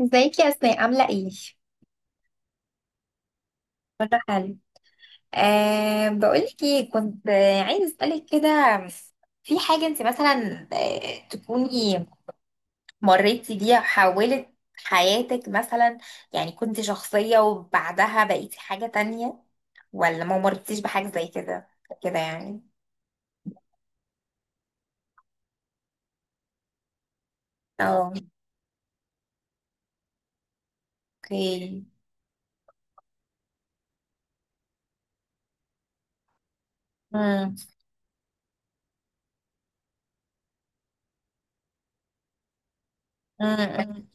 ازيك يا اسماء، عاملة ايه؟ كله حلو. أه، بقولك ايه، كنت عايزة اسألك كده. في حاجة انت مثلا تكوني مريتي بيها، حولت حياتك مثلا، يعني كنت شخصية وبعدها بقيتي حاجة تانية، ولا ما مرتيش بحاجة زي كده، كده يعني. اه. اوكي. امم. امم.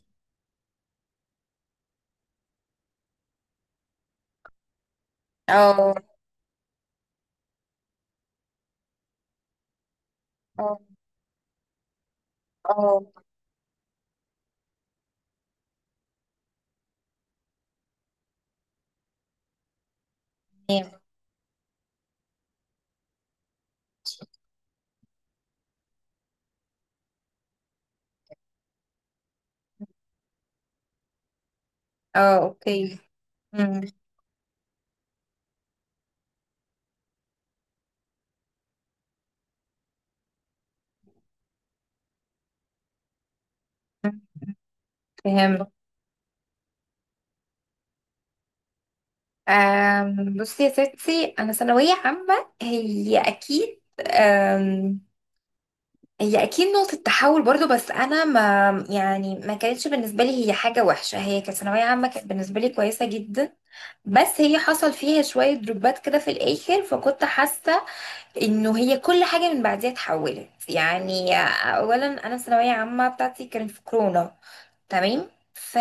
اه. اه. اه. تمام. اه. اوكي. امم. فهمت. بصي يا ستي، انا ثانويه عامه هي اكيد. أم، هي اكيد نقطه تحول برضو، بس انا ما يعني ما كانتش بالنسبه لي هي حاجه وحشه، هي كانت ثانويه عامه كانت بالنسبه لي كويسه جدا. بس هي حصل فيها شويه دروبات كده في الاخر، فكنت حاسه انه هي كل حاجه من بعديها اتحولت يعني. اولا انا الثانويه عامه بتاعتي كانت في كورونا. تمام. ف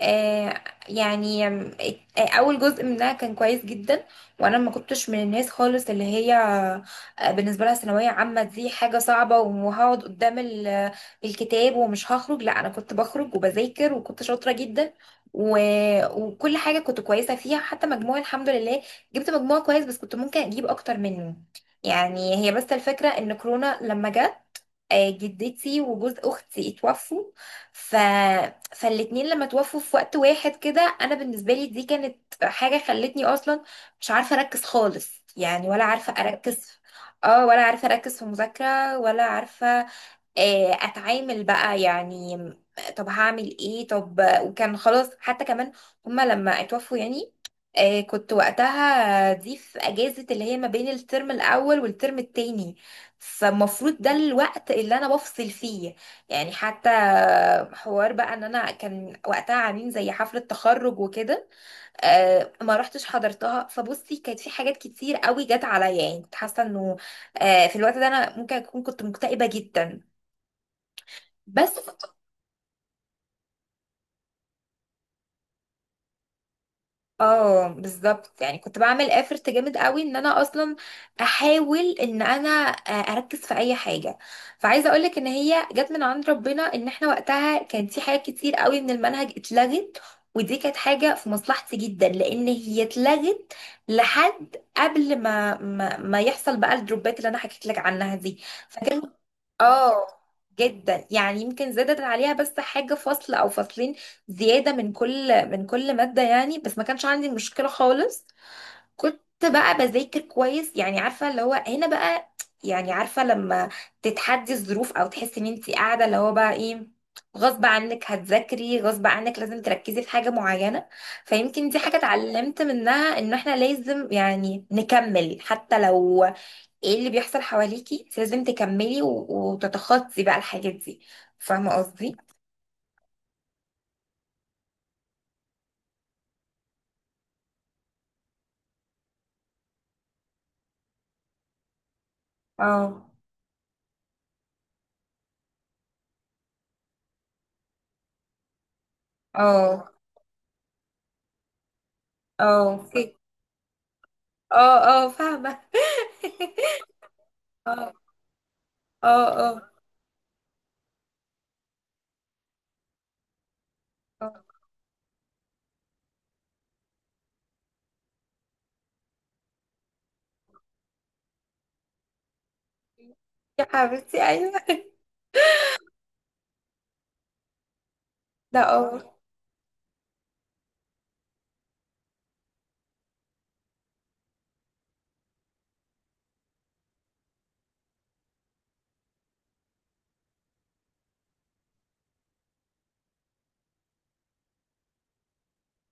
آه، يعني اول جزء منها كان كويس جدا. وانا ما كنتش من الناس خالص اللي هي بالنسبه لها ثانويه عامه دي حاجه صعبه وهقعد قدام الكتاب ومش هخرج، لا انا كنت بخرج وبذاكر وكنت شاطره جدا. و... وكل حاجه كنت كويسه فيها، حتى مجموعي الحمد لله جبت مجموع كويس، بس كنت ممكن اجيب اكتر منه. يعني هي بس الفكره ان كورونا لما جت جدتي وجوز اختي اتوفوا. ف... فالاتنين لما توفوا في وقت واحد كده، انا بالنسبه لي دي كانت حاجه خلتني اصلا مش عارفه اركز خالص، يعني ولا عارفه اركز. اه، ولا عارفه اركز في مذاكره ولا عارفه اتعامل بقى يعني. طب هعمل ايه طب. وكان خلاص، حتى كمان هما لما اتوفوا يعني، كنت وقتها دي في اجازة اللي هي ما بين الترم الاول والترم التاني، فالمفروض ده الوقت اللي انا بفصل فيه يعني. حتى حوار بقى ان انا كان وقتها عاملين زي حفلة تخرج وكده، ما رحتش حضرتها. فبصي، كانت في حاجات كتير قوي جت عليا، يعني كنت حاسة انه في الوقت ده انا ممكن اكون كنت مكتئبة جدا. بس. اه، بالظبط. يعني كنت بعمل افرت جامد قوي ان انا اصلا احاول ان انا اركز في اي حاجه. فعايزه اقولك ان هي جت من عند ربنا، ان احنا وقتها كان في حاجات كتير قوي من المنهج اتلغت، ودي كانت حاجه في مصلحتي جدا لان هي اتلغت لحد قبل ما ما يحصل بقى الدروبات اللي انا حكيت لك عنها دي. اه. جدا يعني، يمكن زادت عليها بس حاجة فصل او فصلين زيادة من كل مادة، يعني بس ما كانش عندي مشكلة خالص. كنت بقى بذاكر كويس، يعني عارفة اللي هو هنا بقى، يعني عارفة لما تتحدي الظروف او تحسي ان انت قاعدة اللي هو بقى ايه، غصب عنك هتذاكري غصب عنك، لازم تركزي في حاجة معينة. فيمكن دي حاجة اتعلمت منها، ان احنا لازم يعني نكمل حتى لو ايه اللي بيحصل حواليكي، انت لازم تكملي و... وتتخطي بقى الحاجات دي. فاهمه قصدي؟ اه. اه. اه اه. اه فاهمه اه. اه. اه. آه. يا حبيبتي ايوه ده اه.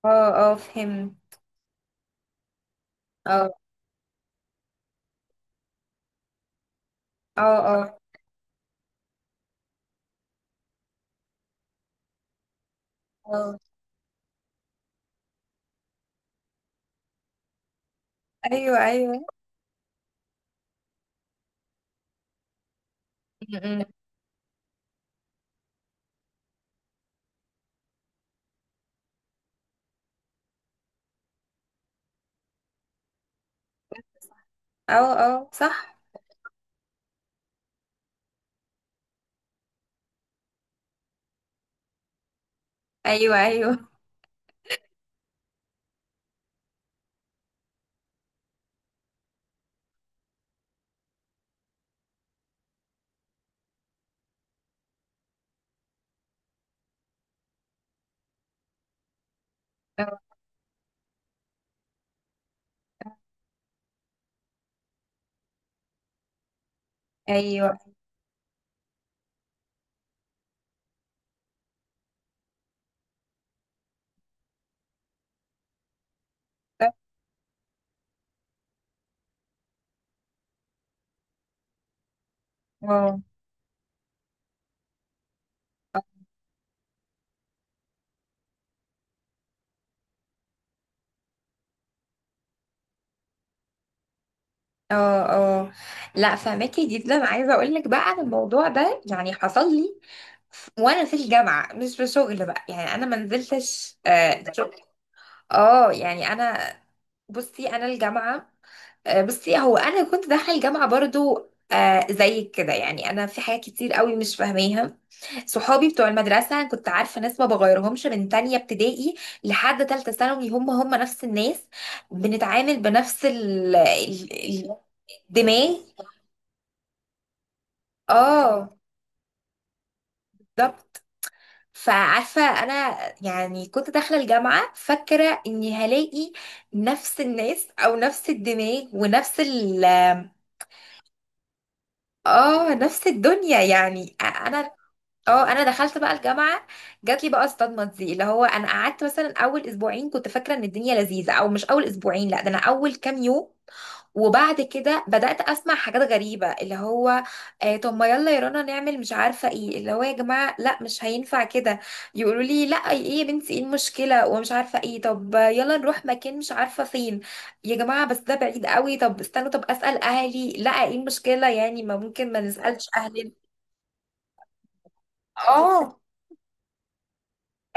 اه. اه فهمت. اه. اه. اه. اه. ايوه ايوه. م- م. اه اه صح. ايوه ايوه. آه. ايوه. اه. اه. اه. لا فهماكي جدا. عايزه اقول لك بقى عن الموضوع ده، يعني حصل لي وانا في الجامعه، مش في شغل بقى يعني، انا ما نزلتش آه شغل. اه، يعني انا، بصي انا الجامعه، آه بصي هو انا كنت داخله الجامعه برضو آه زيك كده، يعني انا في حاجات كتير قوي مش فاهماها. صحابي بتوع المدرسه، أنا كنت عارفه ناس ما بغيرهمش من تانية ابتدائي لحد تالتة ثانوي، هم هم نفس الناس، بنتعامل بنفس الدماغ. اه، بالظبط. فعارفة أنا، يعني كنت داخلة الجامعة فاكرة إني هلاقي نفس الناس أو نفس الدماغ ونفس ال. اه، نفس الدنيا يعني. أنا، اه، أنا دخلت بقى الجامعة، جاتلي بقى الصدمة دي اللي هو أنا قعدت مثلا أول أسبوعين كنت فاكرة إن الدنيا لذيذة. أو مش أول أسبوعين، لأ، ده أنا أول كام يوم. وبعد كده بدأت أسمع حاجات غريبة، اللي هو آه طب ما يلا يا رنا نعمل مش عارفة ايه، اللي هو يا جماعة لا مش هينفع كده. يقولوا لي لا ايه يا بنتي، ايه المشكلة ومش عارفة ايه، طب يلا نروح مكان مش عارفة فين، يا جماعة بس ده بعيد قوي، طب استنوا، طب أسأل أهلي، لا ايه المشكلة يعني، ما ممكن ما نسألش أهلنا. اه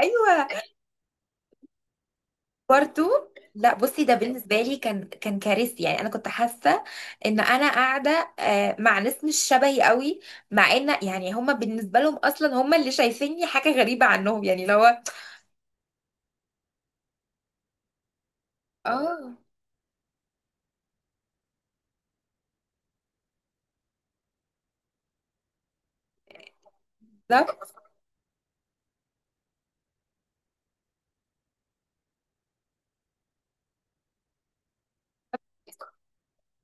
ايوه. برضه لا، بصي ده بالنسبه لي كان كارثي، يعني انا كنت حاسه ان انا قاعده مع ناس مش شبهي قوي، مع ان يعني هما بالنسبه لهم اصلا هما اللي شايفيني حاجه غريبه عنهم يعني، لو. اه. بالظبط.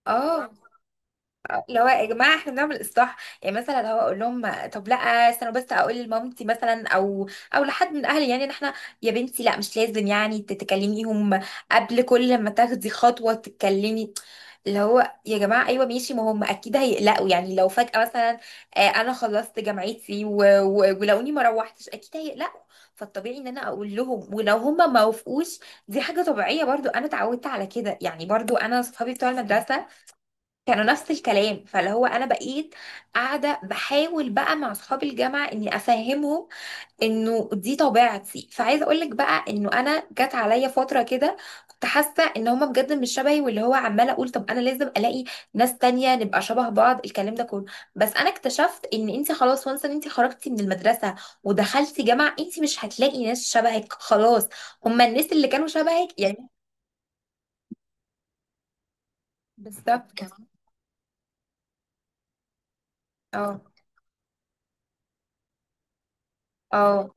اه اللي هو يا جماعه احنا بنعمل اصلاح، يعني مثلا لو اقول لهم طب لا، استنوا بس اقول لمامتي مثلا او لحد من اهلي يعني ان احنا، يا بنتي لا مش لازم يعني تتكلميهم قبل كل ما تاخدي خطوه، تتكلمي. اللي هو يا جماعة أيوة ماشي، ما هم أكيد هيقلقوا، يعني لو فجأة مثلا أنا خلصت جامعتي و- و- ولقوني ما روحتش، أكيد هيقلقوا. فالطبيعي إن أنا أقول لهم، ولو هم ما وافقوش دي حاجة طبيعية برضو، أنا اتعودت على كده. يعني برضو أنا صحابي بتوع المدرسة كانوا نفس الكلام. فاللي هو انا بقيت قاعده بحاول بقى مع اصحاب الجامعه اني افهمهم انه دي طبيعتي. فعايزه اقول لك بقى انه انا جت عليا فتره كده كنت حاسه ان هما بجد مش شبهي، واللي هو عماله اقول طب انا لازم الاقي ناس تانية نبقى شبه بعض، الكلام ده كله. بس انا اكتشفت ان انت خلاص، وانس ان انت خرجتي من المدرسه ودخلتي جامعه، انت مش هتلاقي ناس شبهك خلاص، هما الناس اللي كانوا شبهك يعني. بالظبط. اه. اه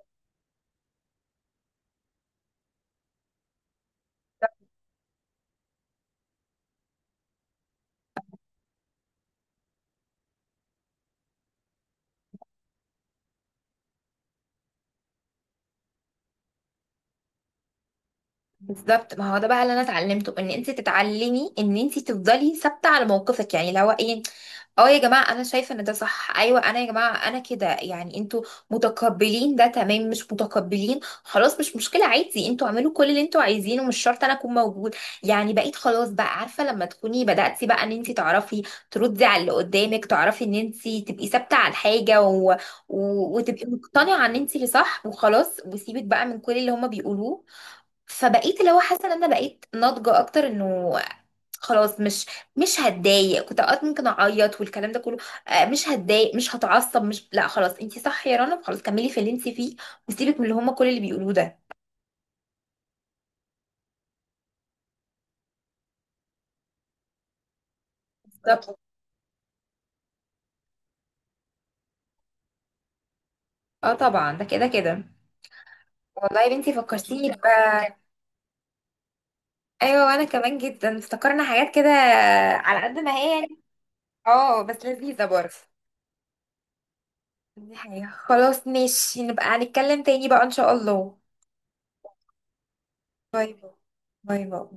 بالظبط. ما هو ده بقى اللي انا اتعلمته، ان انت تتعلمي ان انت تفضلي ثابته على موقفك، يعني لو ايه، اه يا جماعه انا شايفه ان ده صح، ايوه انا يا جماعه انا كده يعني، انتوا متقبلين ده تمام، مش متقبلين خلاص مش مشكله عادي، انتوا اعملوا كل اللي انتوا عايزينه، مش شرط انا اكون موجود. يعني بقيت خلاص بقى عارفه لما تكوني بداتي بقى ان انت تعرفي تردي على اللي قدامك، تعرفي ان انت تبقي ثابته على الحاجه و... و... وتبقي مقتنعه ان انت اللي صح وخلاص، وسيبك بقى من كل اللي هما بيقولوه. فبقيت اللي هو حاسه ان انا بقيت ناضجه اكتر، انه خلاص مش هتضايق. كنت اوقات ممكن اعيط والكلام ده كله. مش هتضايق مش هتعصب، مش، لا خلاص انتي صح يا رنا، خلاص كملي في اللي انتي فيه، وسيبك من اللي هما كل اللي بيقولوه ده. بالظبط. اه طبعا ده كده كده. والله يا بنتي فكرتيني بقى. ايوه، وانا كمان جدا افتكرنا حاجات كده، على قد ما هي يعني. اه بس لذيذه برضه. دي حقيقة. خلاص ماشي، نبقى هنتكلم تاني بقى ان شاء الله. باي باي. باي باي.